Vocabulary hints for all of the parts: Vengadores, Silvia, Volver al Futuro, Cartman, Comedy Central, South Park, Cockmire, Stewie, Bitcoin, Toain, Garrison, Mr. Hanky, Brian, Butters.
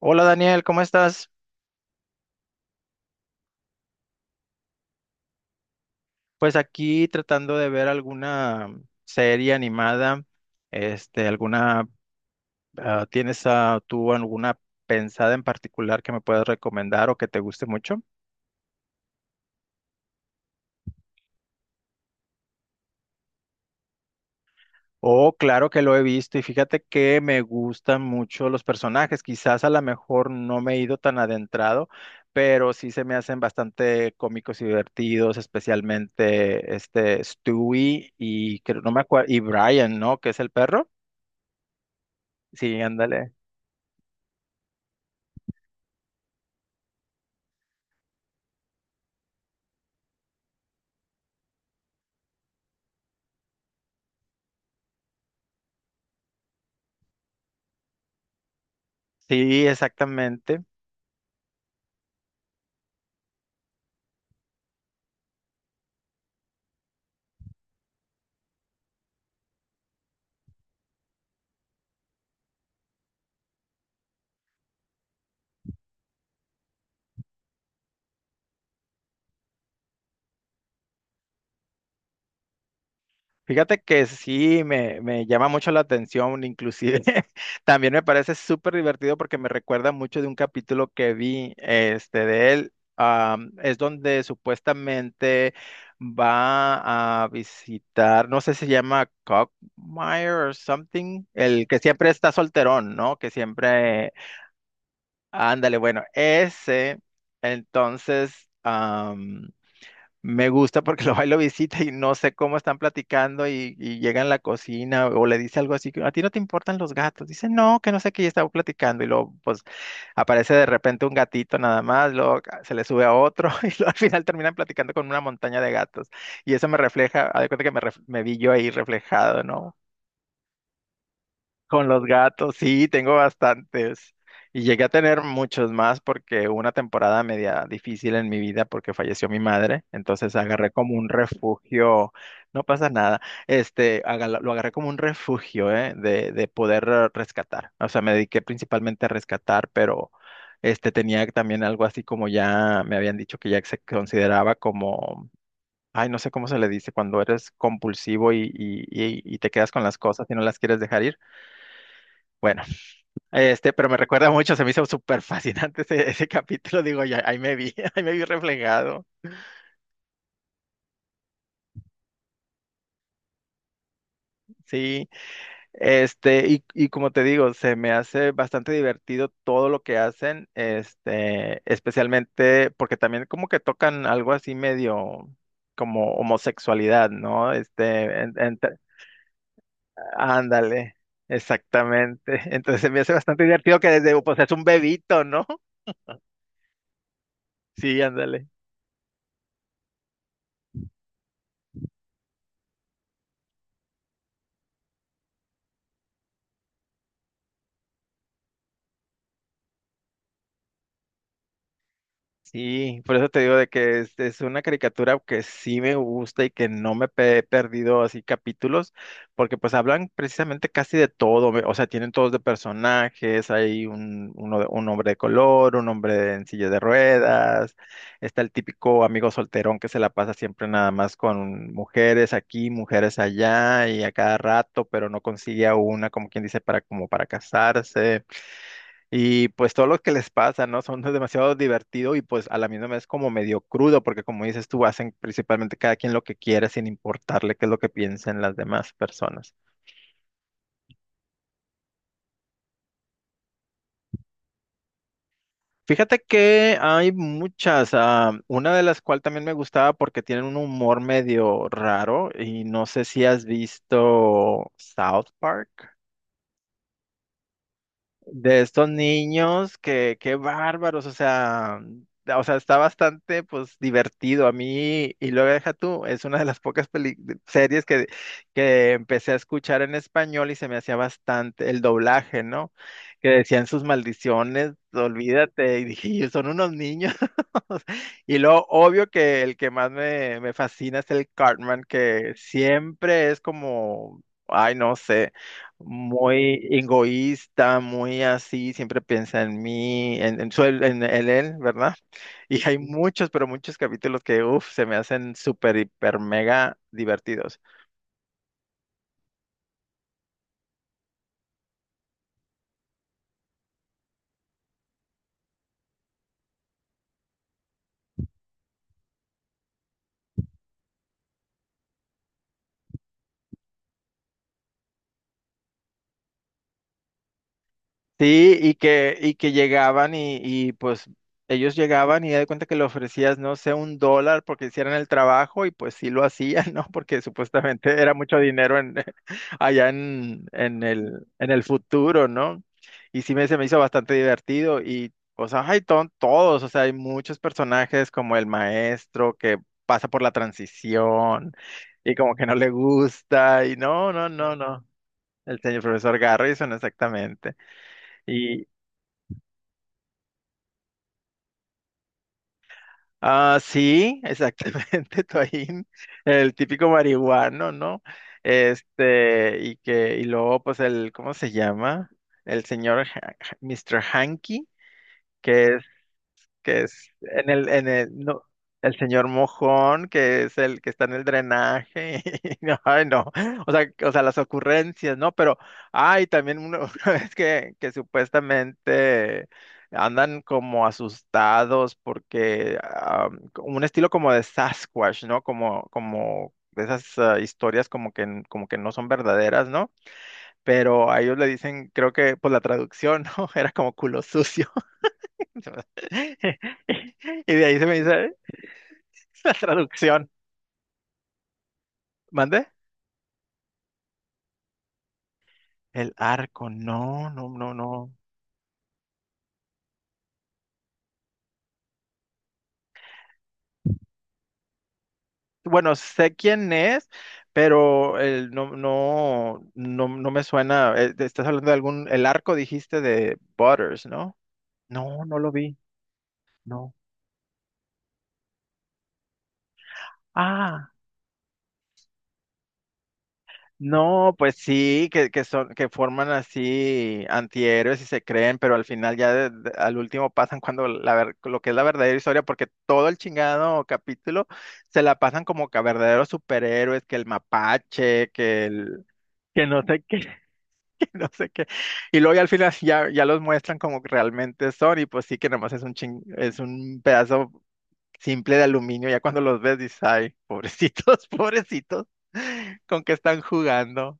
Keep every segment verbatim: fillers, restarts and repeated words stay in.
Hola Daniel, ¿cómo estás? Pues aquí tratando de ver alguna serie animada, este, alguna, ah, ¿tienes ah, tú alguna pensada en particular que me puedas recomendar o que te guste mucho? Oh, claro que lo he visto y fíjate que me gustan mucho los personajes, quizás a lo mejor no me he ido tan adentrado, pero sí se me hacen bastante cómicos y divertidos, especialmente este Stewie y creo- no me acuerdo, y Brian, ¿no? Que es el perro. Sí, ándale. Sí, exactamente. Fíjate que sí, me, me llama mucho la atención, inclusive también me parece súper divertido porque me recuerda mucho de un capítulo que vi este, de él. Am, es donde supuestamente va a visitar, no sé si se llama Cockmire or something, el que siempre está solterón, ¿no? Que siempre, ándale, bueno, ese, entonces. Me gusta porque lo va y lo visita y no sé cómo están platicando y, y llega en la cocina o le dice algo así, que, a ti no te importan los gatos. Dice, no, que no sé qué, ya estaba platicando y luego pues aparece de repente un gatito nada más, luego ca- se le sube a otro y luego al final terminan platicando con una montaña de gatos. Y eso me refleja, haz de cuenta que me, ref- me vi yo ahí reflejado, ¿no? Con los gatos, sí, tengo bastantes. Y llegué a tener muchos más porque hubo una temporada media difícil en mi vida porque falleció mi madre. Entonces agarré como un refugio, no pasa nada. Este, agarra- lo agarré como un refugio, ¿eh? De, de poder eh, rescatar. O sea, me dediqué principalmente a rescatar, pero este tenía también algo así como ya me habían dicho que ya se consideraba como, ay, no sé cómo se le dice, cuando eres compulsivo y, y y- y te quedas con las cosas y no las quieres dejar ir. Bueno, este, pero me recuerda mucho, se me hizo súper fascinante ese, ese capítulo, digo, ya, ahí me vi, ahí me vi reflejado, sí, este, y, y como te digo, se me hace bastante divertido todo lo que hacen, este, especialmente porque también como que tocan algo así medio como homosexualidad, ¿no? Este, en- en- ándale, exactamente, entonces se me hace bastante divertido que desde, pues es un bebito, ¿no? Sí, ándale. Sí, por eso te digo de que es, es una caricatura que sí me gusta y que no me pe- he perdido así capítulos, porque pues hablan precisamente casi de todo, ve- o sea, tienen todos de personajes, hay un, uno de- un hombre de color, un hombre en silla de ruedas, está el típico amigo solterón que se la pasa siempre nada más con mujeres aquí, mujeres allá y a cada rato, pero no consigue a una, como quien dice, para como para casarse. Y pues todo lo que les pasa, ¿no? Son demasiado divertido y pues a la misma vez como medio crudo, porque como dices tú, hacen principalmente cada quien lo que quiere sin importarle qué es lo que piensen las demás personas. Fíjate que hay muchas, ah, una de las cuales también me gustaba porque tienen un humor medio raro y no sé si has visto South Park. De estos niños, que qué bárbaros, o sea, o sea, está bastante pues divertido a mí y luego deja tú, es una de las pocas peli- series que, que empecé a escuchar en español y se me hacía bastante el doblaje, ¿no? Que decían sus maldiciones, olvídate, y dije, "Y son unos niños." Y lo obvio que el que más me, me fascina es el Cartman, que siempre es como, ay, no sé muy egoísta, muy así, siempre piensa en mí, en, en, su- en, en él, ¿verdad? Y hay muchos, pero muchos capítulos que, uff, se me hacen súper, hiper, mega divertidos. Sí, y que, y que llegaban y, y, pues ellos llegaban y ya de cuenta que le ofrecías, no sé, un dólar porque hicieran el trabajo y pues sí lo hacían, ¿no? Porque supuestamente era mucho dinero en, allá en, en el, en el futuro, ¿no? Y sí me, se me hizo bastante divertido y pues hay todos, o sea, hay muchos personajes como el maestro que pasa por la transición y como que no le gusta y no, no, no, no. El señor profesor Garrison, exactamente. Ah, sí, exactamente, Toain, el típico marihuano, ¿no? Este, y que, y luego, pues, el, ¿cómo se llama? El señor Ha- Ha- mister Hanky, que es que es en el, en el, no, el señor Mojón, que es el que está en el drenaje. y- no, ay, no. O sea, o sea, las ocurrencias, ¿no? Pero, ay, también una, una vez que, que supuestamente andan como asustados porque ah, un estilo como de Sasquatch, ¿no? Como, como de esas ah, historias como que, n- como que no son verdaderas, ¿no? Pero a ellos le dicen, creo que por la traducción, ¿no? Era como culo sucio. Y de ahí se me dice la traducción. ¿Mande? El arco, no, no, no, no. Bueno, sé quién es, pero el, no, no, no, no me suena. Eh, te estás hablando de algún, el arco dijiste de Butters, ¿no? No, no lo vi, no. Ah. No, pues sí, que, que son, que forman así antihéroes y se creen, pero al final ya de- de- al último pasan cuando la ver- lo que es la verdadera historia, porque todo el chingado capítulo se la pasan como que a verdaderos superhéroes, que el mapache, que el, que no sé qué, que no sé qué. Y luego ya al final ya, ya los muestran como que realmente son, y pues sí que nomás es un ching, es un pedazo simple de aluminio, ya cuando los ves dices, ay, pobrecitos, pobrecitos, con que están jugando.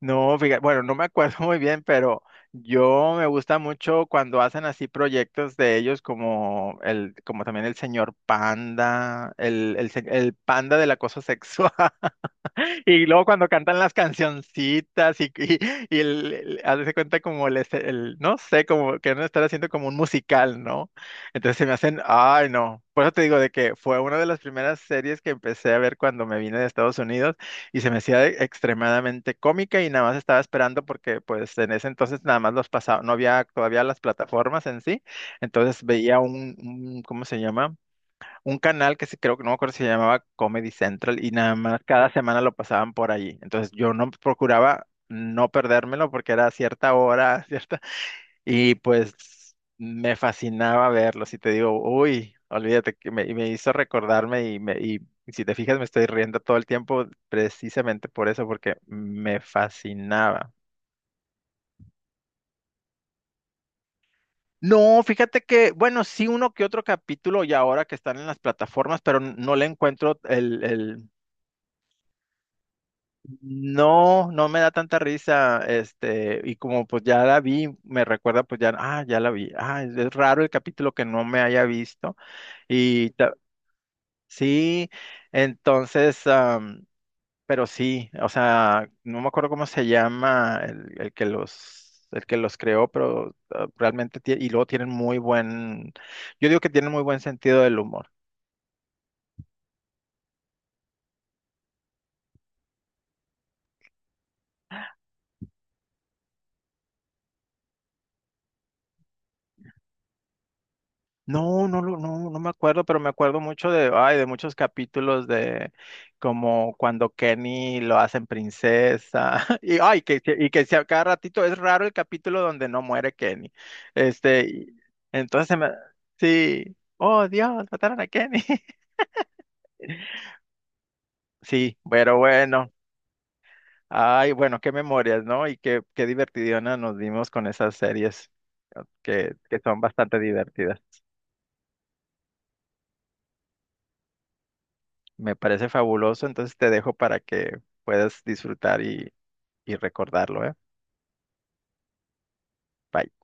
No, fíjate, bueno, no me acuerdo muy bien, pero yo me gusta mucho cuando hacen así proyectos de ellos como el, como también el señor panda, el, el, se- el panda de la cosa sexual. Y luego cuando cantan las cancioncitas y, y, y el, el- hazte cuenta como el, este- el- no sé, como que no estar haciendo como un musical, ¿no? Entonces se me hacen, ay no. Por eso te digo de que fue una de las primeras series que empecé a ver cuando me vine de Estados Unidos y se me hacía e- extremadamente cómica y nada más estaba esperando porque pues en ese entonces nada más los pasaba, no había todavía las plataformas en sí, entonces veía un, un ¿cómo se llama? Un canal que se, creo que no me acuerdo si se llamaba Comedy Central y nada más cada semana lo pasaban por allí. Entonces yo no procuraba no perdérmelo porque era a cierta hora, cierta, y pues me fascinaba verlo. Si te digo, uy, olvídate, que me, y me hizo recordarme y, me, y si te fijas me estoy riendo todo el tiempo precisamente por eso, porque me fascinaba. No, fíjate que, bueno, sí uno que otro capítulo y ahora que están en las plataformas, pero n- no le encuentro el, el, no, no me da tanta risa, este, y como pues ya la vi, me recuerda pues ya, ah, ya la vi, ah, es, es raro el capítulo que no me haya visto, y ta- sí, entonces, am, pero sí, o sea, no me acuerdo cómo se llama el, el que los, el que los creó, pero ah, realmente, tie- y luego tienen muy buen, yo digo que tienen muy buen sentido del humor. No, no, lo- no, no me acuerdo, pero me acuerdo mucho de, ay, de muchos capítulos de como cuando Kenny lo hacen princesa y ay, que se- y que si a cada ratito es raro el capítulo donde no muere Kenny. Este, y- entonces se me, sí, oh Dios, mataron a Kenny. Sí, pero bueno, ay, bueno, qué memorias, ¿no? Y qué qué divertidona nos dimos con esas series que que son bastante divertidas. Me parece fabuloso, entonces te dejo para que puedas disfrutar y, y recordarlo, ¿eh? Bye.